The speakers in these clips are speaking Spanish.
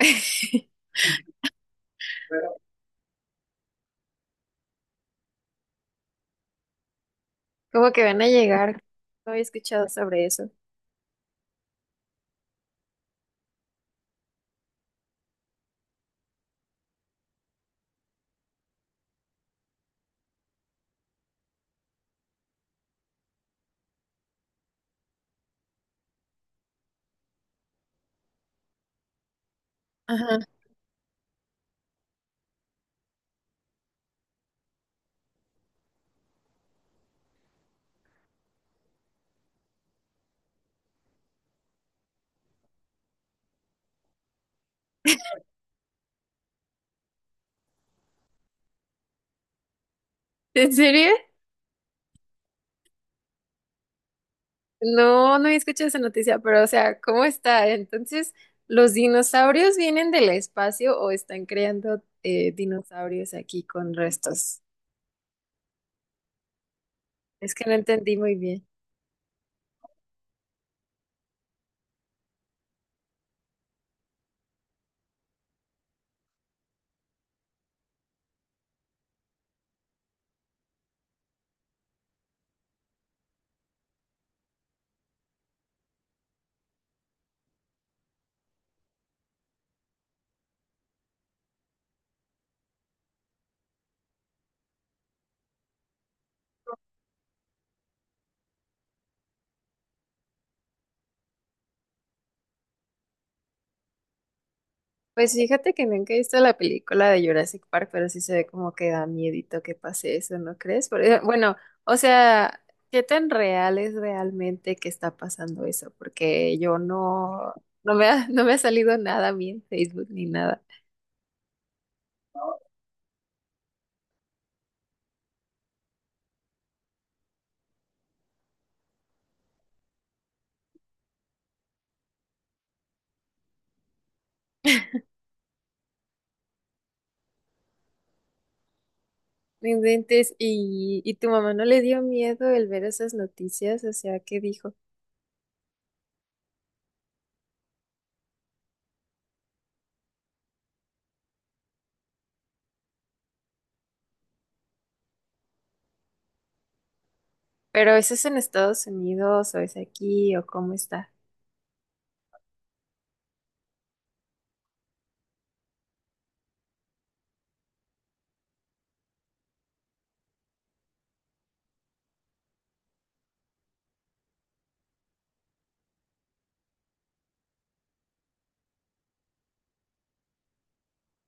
Como que van a llegar. No había escuchado sobre eso. Ajá. ¿En serio? No, no había escuchado esa noticia, pero o sea, ¿cómo está? Entonces, ¿los dinosaurios vienen del espacio o están creando dinosaurios aquí con restos? Es que no entendí muy bien. Pues fíjate que nunca he visto la película de Jurassic Park, pero sí se ve como que da miedito que pase eso, ¿no crees? Bueno, o sea, ¿qué tan real es realmente que está pasando eso? Porque yo no, no me ha, no me ha salido nada a mí en Facebook ni nada. No inventes, y tu mamá no le dio miedo el ver esas noticias, o sea, ¿qué dijo? Pero ¿eso es en Estados Unidos o es aquí o cómo está?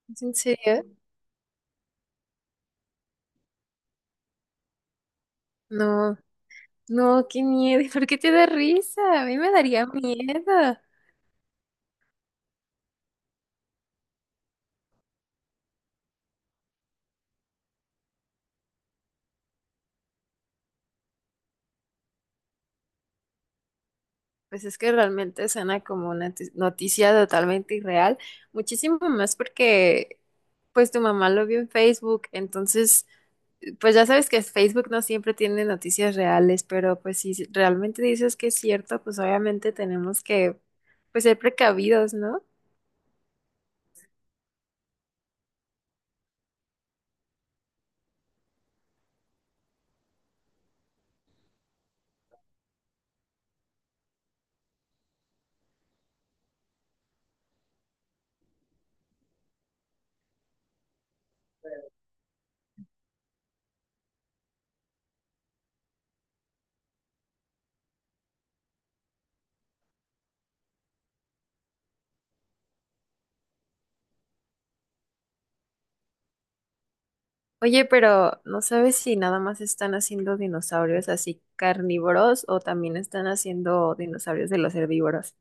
¿Es en serio? No. No, qué miedo. ¿Por qué te da risa? A mí me daría miedo. Pues es que realmente suena como una noticia totalmente irreal. Muchísimo más porque pues tu mamá lo vio en Facebook. Entonces, pues ya sabes que Facebook no siempre tiene noticias reales, pero pues si realmente dices que es cierto, pues obviamente tenemos que pues ser precavidos, ¿no? Oye, pero ¿no sabes si nada más están haciendo dinosaurios así carnívoros o también están haciendo dinosaurios de los herbívoros?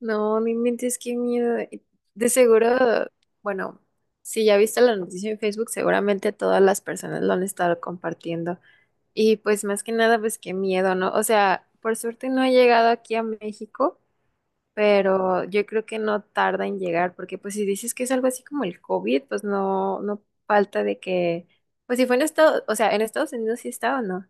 No, no inventes qué miedo. Y de seguro, bueno, si ya viste la noticia en Facebook, seguramente todas las personas lo han estado compartiendo. Y pues más que nada, pues qué miedo, ¿no? O sea, por suerte no ha llegado aquí a México, pero yo creo que no tarda en llegar, porque pues si dices que es algo así como el COVID, pues no falta de que, pues si fue en Estados, o sea, en Estados Unidos sí está o no.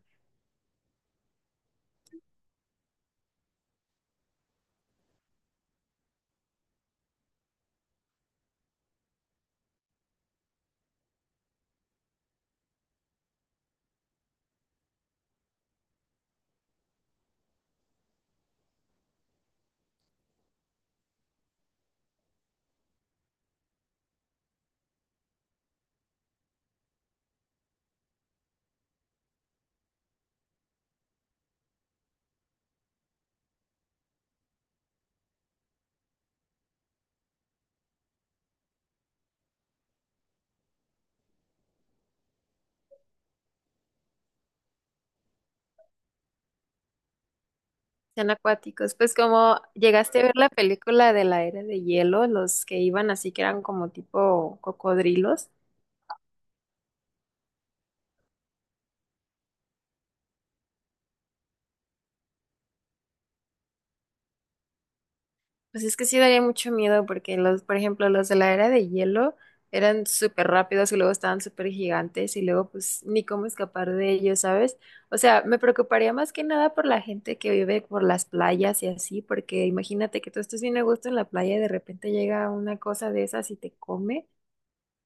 Son acuáticos. Pues como llegaste a ver la película de la era de hielo, los que iban así que eran como tipo cocodrilos, pues es que sí daría mucho miedo porque los, por ejemplo, los de la era de hielo eran súper rápidos y luego estaban súper gigantes y luego pues ni cómo escapar de ellos, ¿sabes? O sea, me preocuparía más que nada por la gente que vive por las playas y así, porque imagínate que tú estés bien a gusto en la playa y de repente llega una cosa de esas y te come.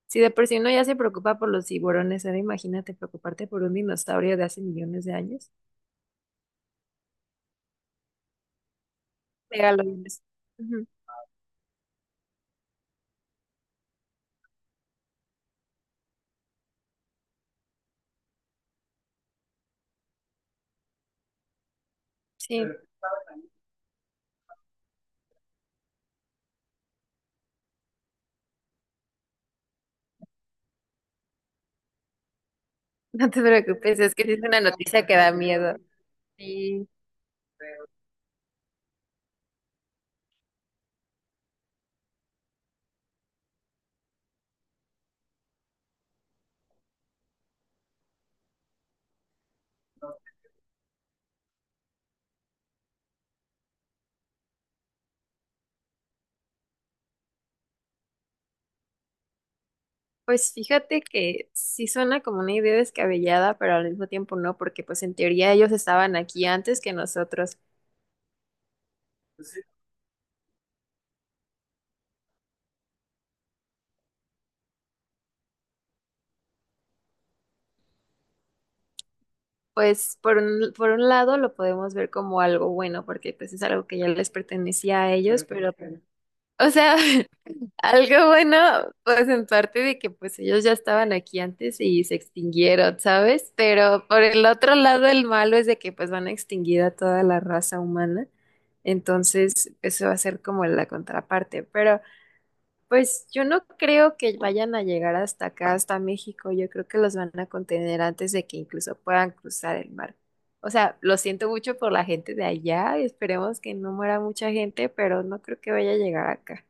Si de por sí uno ya se preocupa por los tiburones, ahora imagínate preocuparte por un dinosaurio de hace millones de años. Megalodones. Ujú. Sí, no te preocupes, es que sí es una noticia que da miedo. Pues fíjate que sí suena como una idea descabellada, pero al mismo tiempo no, porque pues en teoría ellos estaban aquí antes que nosotros. Pues por un lado lo podemos ver como algo bueno, porque pues es algo que ya les pertenecía a ellos, pero, o sea, algo bueno, pues en parte de que pues ellos ya estaban aquí antes y se extinguieron, ¿sabes? Pero por el otro lado, el malo es de que pues van a extinguir a toda la raza humana. Entonces, eso va a ser como la contraparte. Pero pues yo no creo que vayan a llegar hasta acá, hasta México. Yo creo que los van a contener antes de que incluso puedan cruzar el mar. O sea, lo siento mucho por la gente de allá. Esperemos que no muera mucha gente, pero no creo que vaya a llegar acá.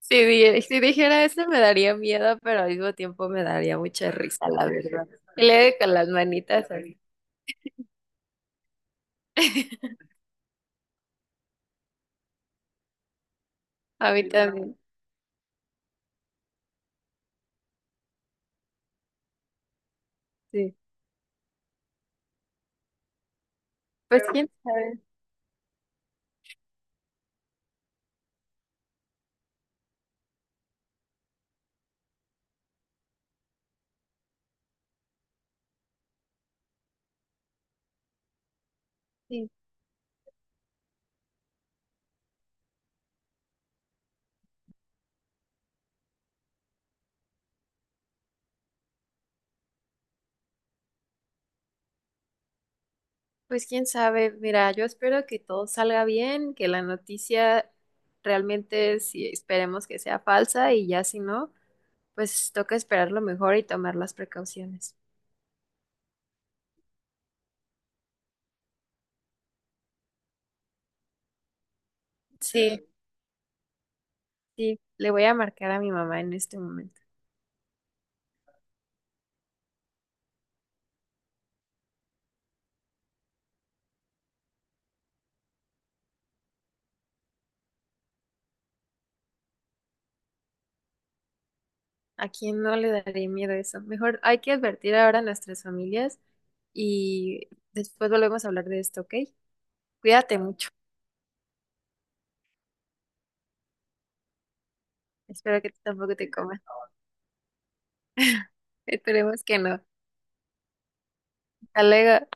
Si, si dijera eso me daría miedo, pero al mismo tiempo me daría mucha risa, la verdad. Y luego con las manitas así. A mí también, sí. Pues quién sabe, sí. Pues quién sabe. Mira, yo espero que todo salga bien, que la noticia realmente, si esperemos que sea falsa y ya si no, pues toca esperar lo mejor y tomar las precauciones. Sí, sí. Le voy a marcar a mi mamá en este momento. ¿A quién no le daría miedo eso? Mejor hay que advertir ahora a nuestras familias y después volvemos a hablar de esto, ¿ok? Cuídate mucho. Espero que tú tampoco te comas. Esperemos que no. Hasta luego.